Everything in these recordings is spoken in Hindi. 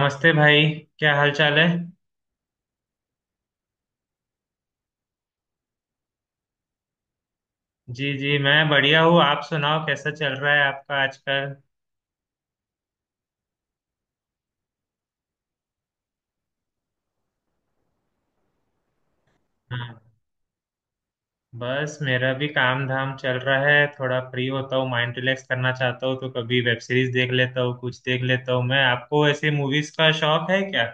नमस्ते भाई। क्या हाल चाल है? जी जी, मैं बढ़िया हूँ। आप सुनाओ, कैसा चल रहा है आपका आजकल? हाँ, बस मेरा भी काम धाम चल रहा है। थोड़ा फ्री होता हूँ, माइंड रिलैक्स करना चाहता हूँ तो कभी वेब सीरीज देख लेता हूँ, कुछ देख लेता हूँ मैं। आपको ऐसे मूवीज का शौक है क्या?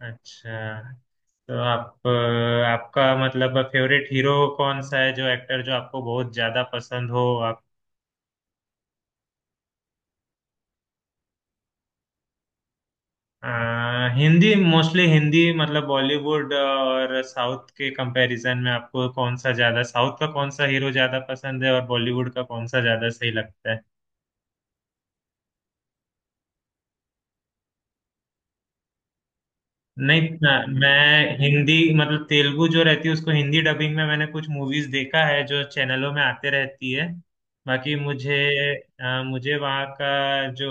अच्छा। तो आप आपका मतलब फेवरेट हीरो कौन सा है, जो एक्टर जो आपको बहुत ज्यादा पसंद हो? हिंदी, मोस्टली हिंदी मतलब। बॉलीवुड और साउथ के कंपैरिजन में आपको कौन सा ज्यादा, साउथ का कौन सा हीरो ज्यादा पसंद है और बॉलीवुड का कौन सा ज्यादा सही लगता है? नहीं ना, मैं हिंदी मतलब, तेलुगु जो रहती है उसको हिंदी डबिंग में मैंने कुछ मूवीज देखा है जो चैनलों में आते रहती है। बाकी मुझे मुझे वहाँ का जो,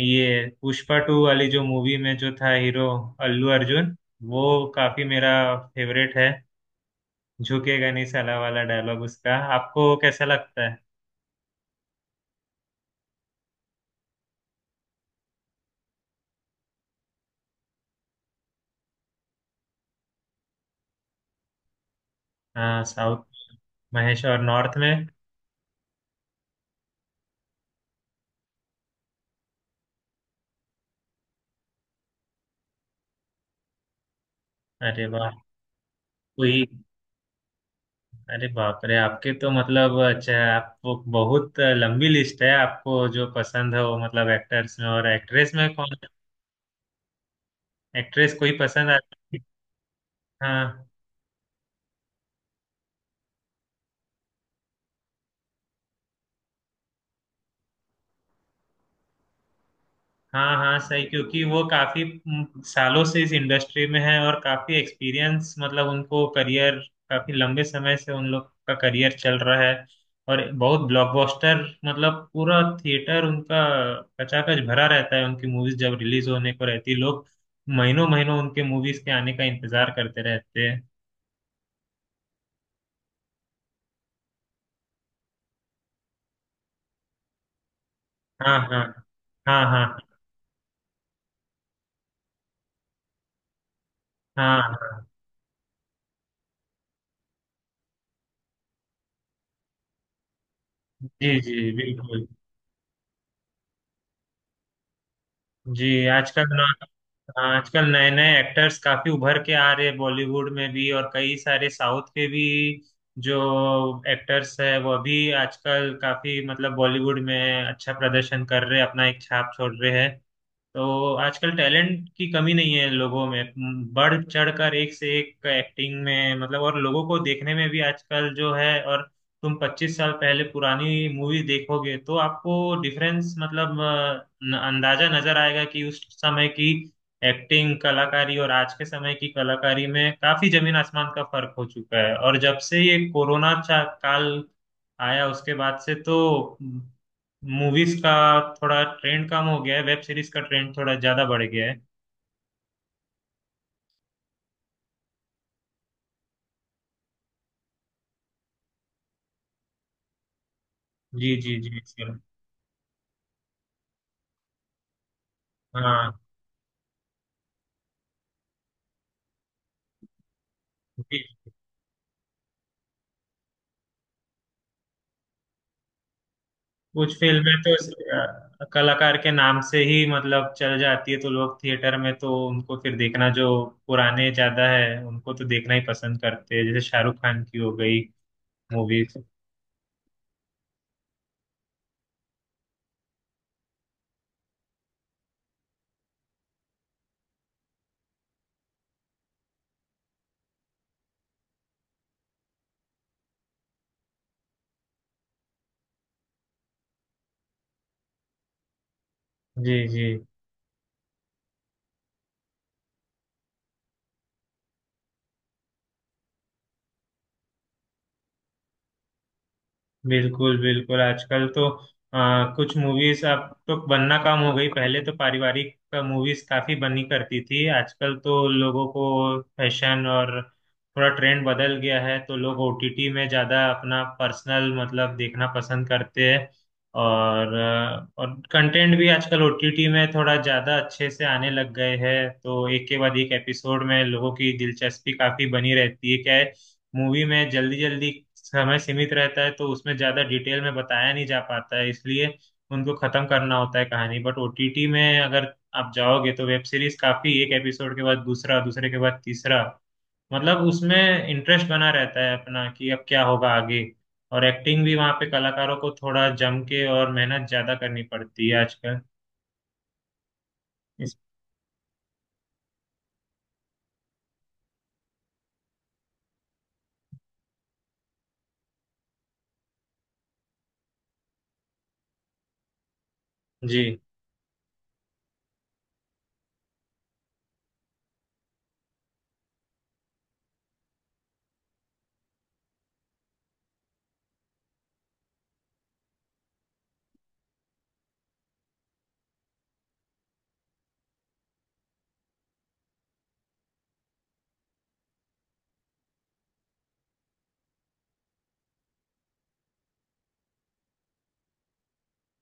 ये पुष्पा टू वाली जो मूवी में जो था हीरो, अल्लू अर्जुन, वो काफी मेरा फेवरेट है। झुकेगा नहीं साला वाला डायलॉग उसका आपको कैसा लगता है? हाँ, साउथ महेश और नॉर्थ में। अरे वाह। कोई... अरे बाप रे, आपके तो मतलब, अच्छा, आपको बहुत लंबी लिस्ट है आपको जो पसंद है वो, मतलब एक्टर्स में। और एक्ट्रेस में कौन एक्ट्रेस कोई पसंद आती है? हाँ हाँ, हाँ सही, क्योंकि वो काफी सालों से इस इंडस्ट्री में है और काफी एक्सपीरियंस, मतलब उनको करियर, काफी लंबे समय से उन लोग का करियर चल रहा है और बहुत ब्लॉकबस्टर, मतलब पूरा थिएटर उनका कचाकच भरा रहता है। उनकी मूवीज जब रिलीज होने को रहती है लोग महीनों महीनों उनके मूवीज के आने का इंतजार करते रहते हैं। हाँ हाँ हाँ हाँ, हाँ हाँ, जी जी बिल्कुल। जी, आजकल नए नए एक्टर्स काफी उभर के आ रहे हैं बॉलीवुड में भी, और कई सारे साउथ के भी जो एक्टर्स है वो भी आजकल काफी मतलब बॉलीवुड में अच्छा प्रदर्शन कर रहे हैं, अपना एक छाप छोड़ रहे हैं। तो आजकल टैलेंट की कमी नहीं है लोगों में, बढ़ चढ़कर एक से एक एक्टिंग में, मतलब और लोगों को देखने में भी आजकल जो है। और तुम 25 साल पहले पुरानी मूवी देखोगे तो आपको डिफरेंस, मतलब अंदाजा नजर आएगा कि उस समय की एक्टिंग कलाकारी और आज के समय की कलाकारी में काफी जमीन आसमान का फर्क हो चुका है। और जब से ये कोरोना काल आया उसके बाद से तो मूवीज का थोड़ा ट्रेंड कम हो गया है, वेब सीरीज का ट्रेंड थोड़ा ज्यादा बढ़ गया है। जी जी जी हाँ जी। कुछ फिल्में तो कलाकार के नाम से ही मतलब चल जाती है तो लोग थिएटर में तो उनको फिर देखना, जो पुराने ज्यादा है उनको तो देखना ही पसंद करते हैं, जैसे शाहरुख खान की हो गई मूवीज। जी जी, बिल्कुल बिल्कुल। आजकल तो कुछ मूवीज अब तो बनना कम हो गई, पहले तो पारिवारिक मूवीज काफी बनी करती थी, आजकल तो लोगों को फैशन और थोड़ा ट्रेंड बदल गया है तो लोग ओटीटी में ज्यादा अपना पर्सनल मतलब देखना पसंद करते हैं। और और कंटेंट भी आजकल ओटीटी में थोड़ा ज्यादा अच्छे से आने लग गए हैं तो एक के बाद एक एपिसोड में लोगों की दिलचस्पी काफी बनी रहती है। क्या है, मूवी में जल्दी जल्दी समय सीमित रहता है तो उसमें ज्यादा डिटेल में बताया नहीं जा पाता है, इसलिए उनको खत्म करना होता है कहानी। बट ओटीटी में अगर आप जाओगे तो वेब सीरीज काफी, एक एपिसोड के बाद दूसरा, दूसरे के बाद तीसरा, मतलब उसमें इंटरेस्ट बना रहता है अपना कि अब क्या होगा आगे। और एक्टिंग भी वहाँ पे कलाकारों को थोड़ा जम के और मेहनत ज्यादा करनी पड़ती है आजकल इस। जी।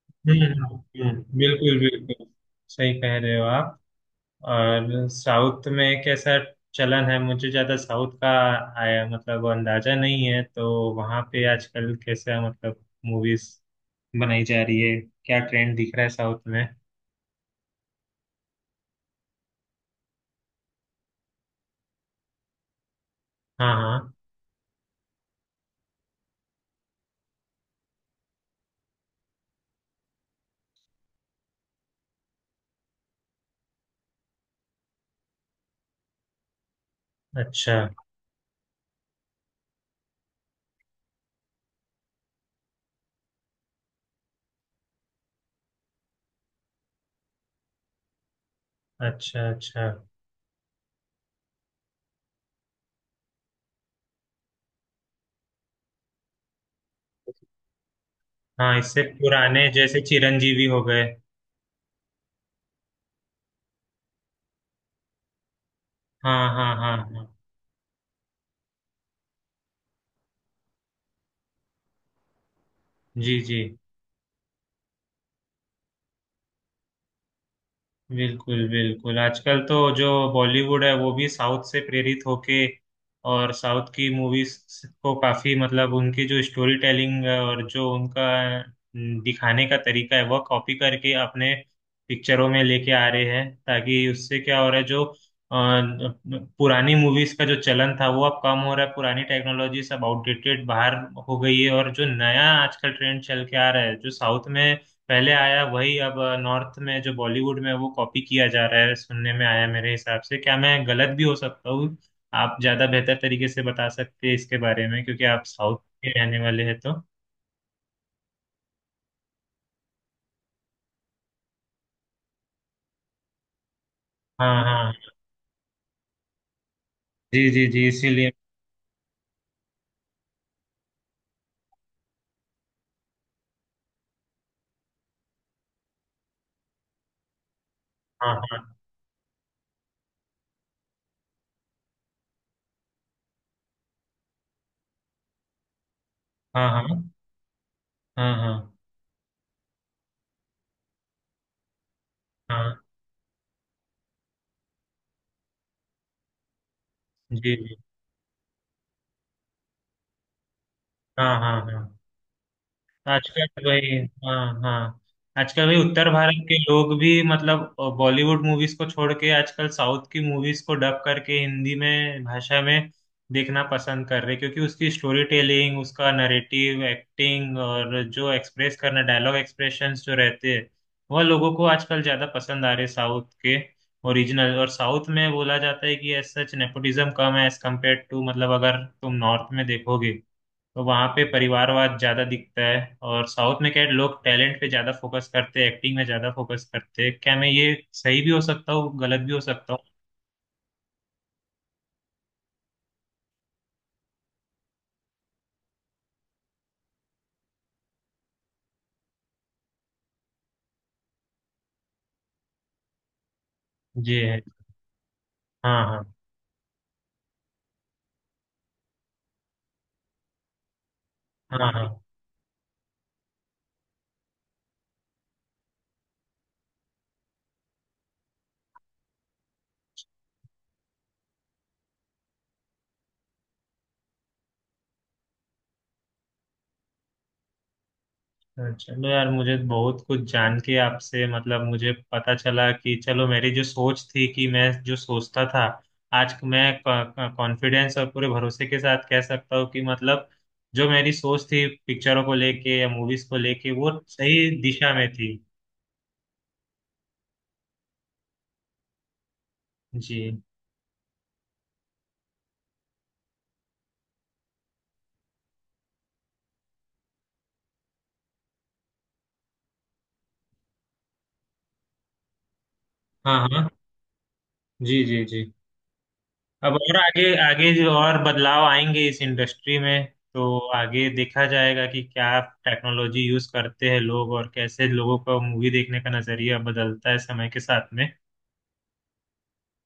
बिल्कुल बिल्कुल सही कह रहे हो आप। और साउथ में कैसा चलन है, मुझे ज्यादा साउथ का आया मतलब अंदाजा नहीं है तो वहां पे आजकल कैसा मतलब मूवीज बनाई जा रही है, क्या ट्रेंड दिख रहा है साउथ में? हाँ हाँ। अच्छा अच्छा। अच्छा, हाँ इससे पुराने जैसे चिरंजीवी हो गए। हाँ हाँ हाँ हाँ, जी जी, बिल्कुल बिल्कुल। आजकल तो जो बॉलीवुड है वो भी साउथ से प्रेरित होके और साउथ की मूवीज को काफी, मतलब उनकी जो स्टोरी टेलिंग और जो उनका न, दिखाने का तरीका है वह कॉपी करके अपने पिक्चरों में लेके आ रहे हैं, ताकि उससे क्या हो रहा है, जो पुरानी मूवीज का जो चलन था वो अब कम हो रहा है, पुरानी टेक्नोलॉजी सब आउटडेटेड बाहर हो गई है, और जो नया आजकल ट्रेंड चल के आ रहा है जो साउथ में पहले आया वही अब नॉर्थ में, जो बॉलीवुड में, वो कॉपी किया जा रहा है, सुनने में आया। मेरे हिसाब से, क्या, मैं गलत भी हो सकता हूँ। आप ज्यादा बेहतर तरीके से बता सकते हैं इसके बारे में क्योंकि आप साउथ के रहने वाले हैं तो। हाँ हाँ, जी जी जी इसीलिए। हाँ हाँ हाँ हाँ, हाँ हाँ हाँ, जी जी। हाँ हाँ हाँ, आजकल वही, हाँ हाँ, आजकल वही उत्तर भारत के लोग भी मतलब बॉलीवुड मूवीज को छोड़ के आजकल साउथ की मूवीज को डब करके हिंदी में भाषा में देखना पसंद कर रहे हैं, क्योंकि उसकी स्टोरी टेलिंग, उसका नरेटिव, एक्टिंग और जो एक्सप्रेस करना, डायलॉग एक्सप्रेशंस जो रहते हैं वह लोगों को आजकल ज्यादा पसंद आ रहे साउथ के ओरिजिनल। और साउथ में बोला जाता है कि एज सच नेपोटिज्म कम है एज कम्पेयर टू, मतलब अगर तुम नॉर्थ में देखोगे तो वहाँ पे परिवारवाद ज्यादा दिखता है, और साउथ में क्या है, लोग टैलेंट पे ज्यादा फोकस करते हैं, एक्टिंग में ज्यादा फोकस करते हैं। क्या मैं, ये सही भी हो सकता हूँ गलत भी हो सकता हूँ। ये है। हाँ हाँ, हाँ हाँ। चलो यार, मुझे बहुत कुछ जान के आपसे मतलब, मुझे पता चला कि चलो मेरी जो सोच थी, कि मैं जो सोचता था, आज मैं कॉन्फिडेंस और पूरे भरोसे के साथ कह सकता हूँ कि मतलब जो मेरी सोच थी पिक्चरों को लेके या मूवीज को लेके वो सही दिशा में थी। जी। हाँ हाँ, जी जी जी। अब और आगे आगे जो और बदलाव आएंगे इस इंडस्ट्री में, तो आगे देखा जाएगा कि क्या टेक्नोलॉजी यूज करते हैं लोग और कैसे लोगों का मूवी देखने का नजरिया बदलता है समय के साथ में।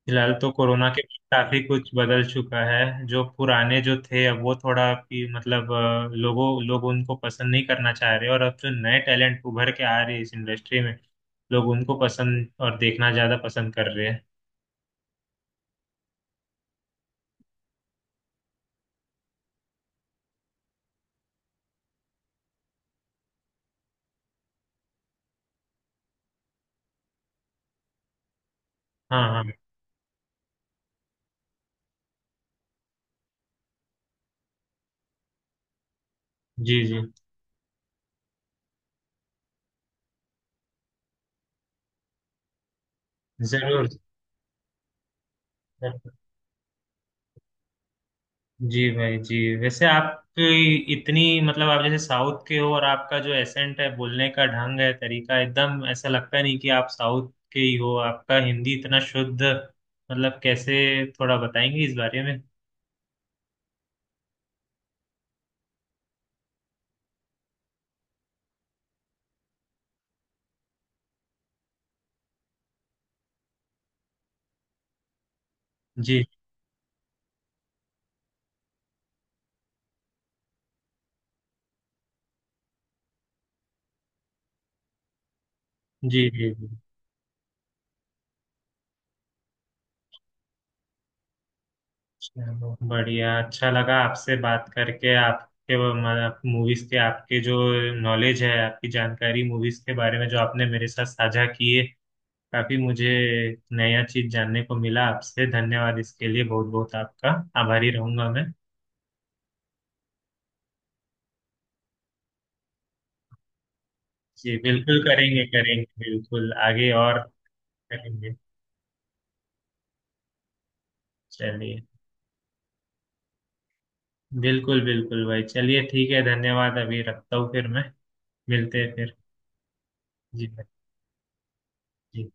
फिलहाल तो कोरोना के बाद काफी कुछ बदल चुका है, जो पुराने जो थे अब वो थोड़ा कि मतलब लोग उनको पसंद नहीं करना चाह रहे, और अब जो नए टैलेंट उभर के आ रहे हैं इस इंडस्ट्री में लोग उनको पसंद और देखना ज्यादा पसंद कर रहे हैं। हाँ हाँ, जी जी। जरूर। जी भाई जी। वैसे आप इतनी मतलब, आप जैसे साउथ के हो और आपका जो एसेंट है, बोलने का ढंग है, तरीका, एकदम ऐसा लगता नहीं कि आप साउथ के ही हो, आपका हिंदी इतना शुद्ध मतलब कैसे, थोड़ा बताएंगे इस बारे में? जी जी जी जी। चलो बढ़िया, अच्छा लगा आपसे बात करके, आपके मूवीज के, आपके जो नॉलेज है, आपकी जानकारी मूवीज के बारे में जो आपने मेरे साथ साझा किए, काफी मुझे नया चीज जानने को मिला आपसे। धन्यवाद इसके लिए, बहुत बहुत आपका आभारी रहूंगा मैं। जी बिल्कुल, करेंगे करेंगे बिल्कुल, आगे और करेंगे। चलिए, बिल्कुल बिल्कुल भाई, चलिए ठीक है। धन्यवाद, अभी रखता हूँ फिर मैं, मिलते हैं फिर। जी भाई जी।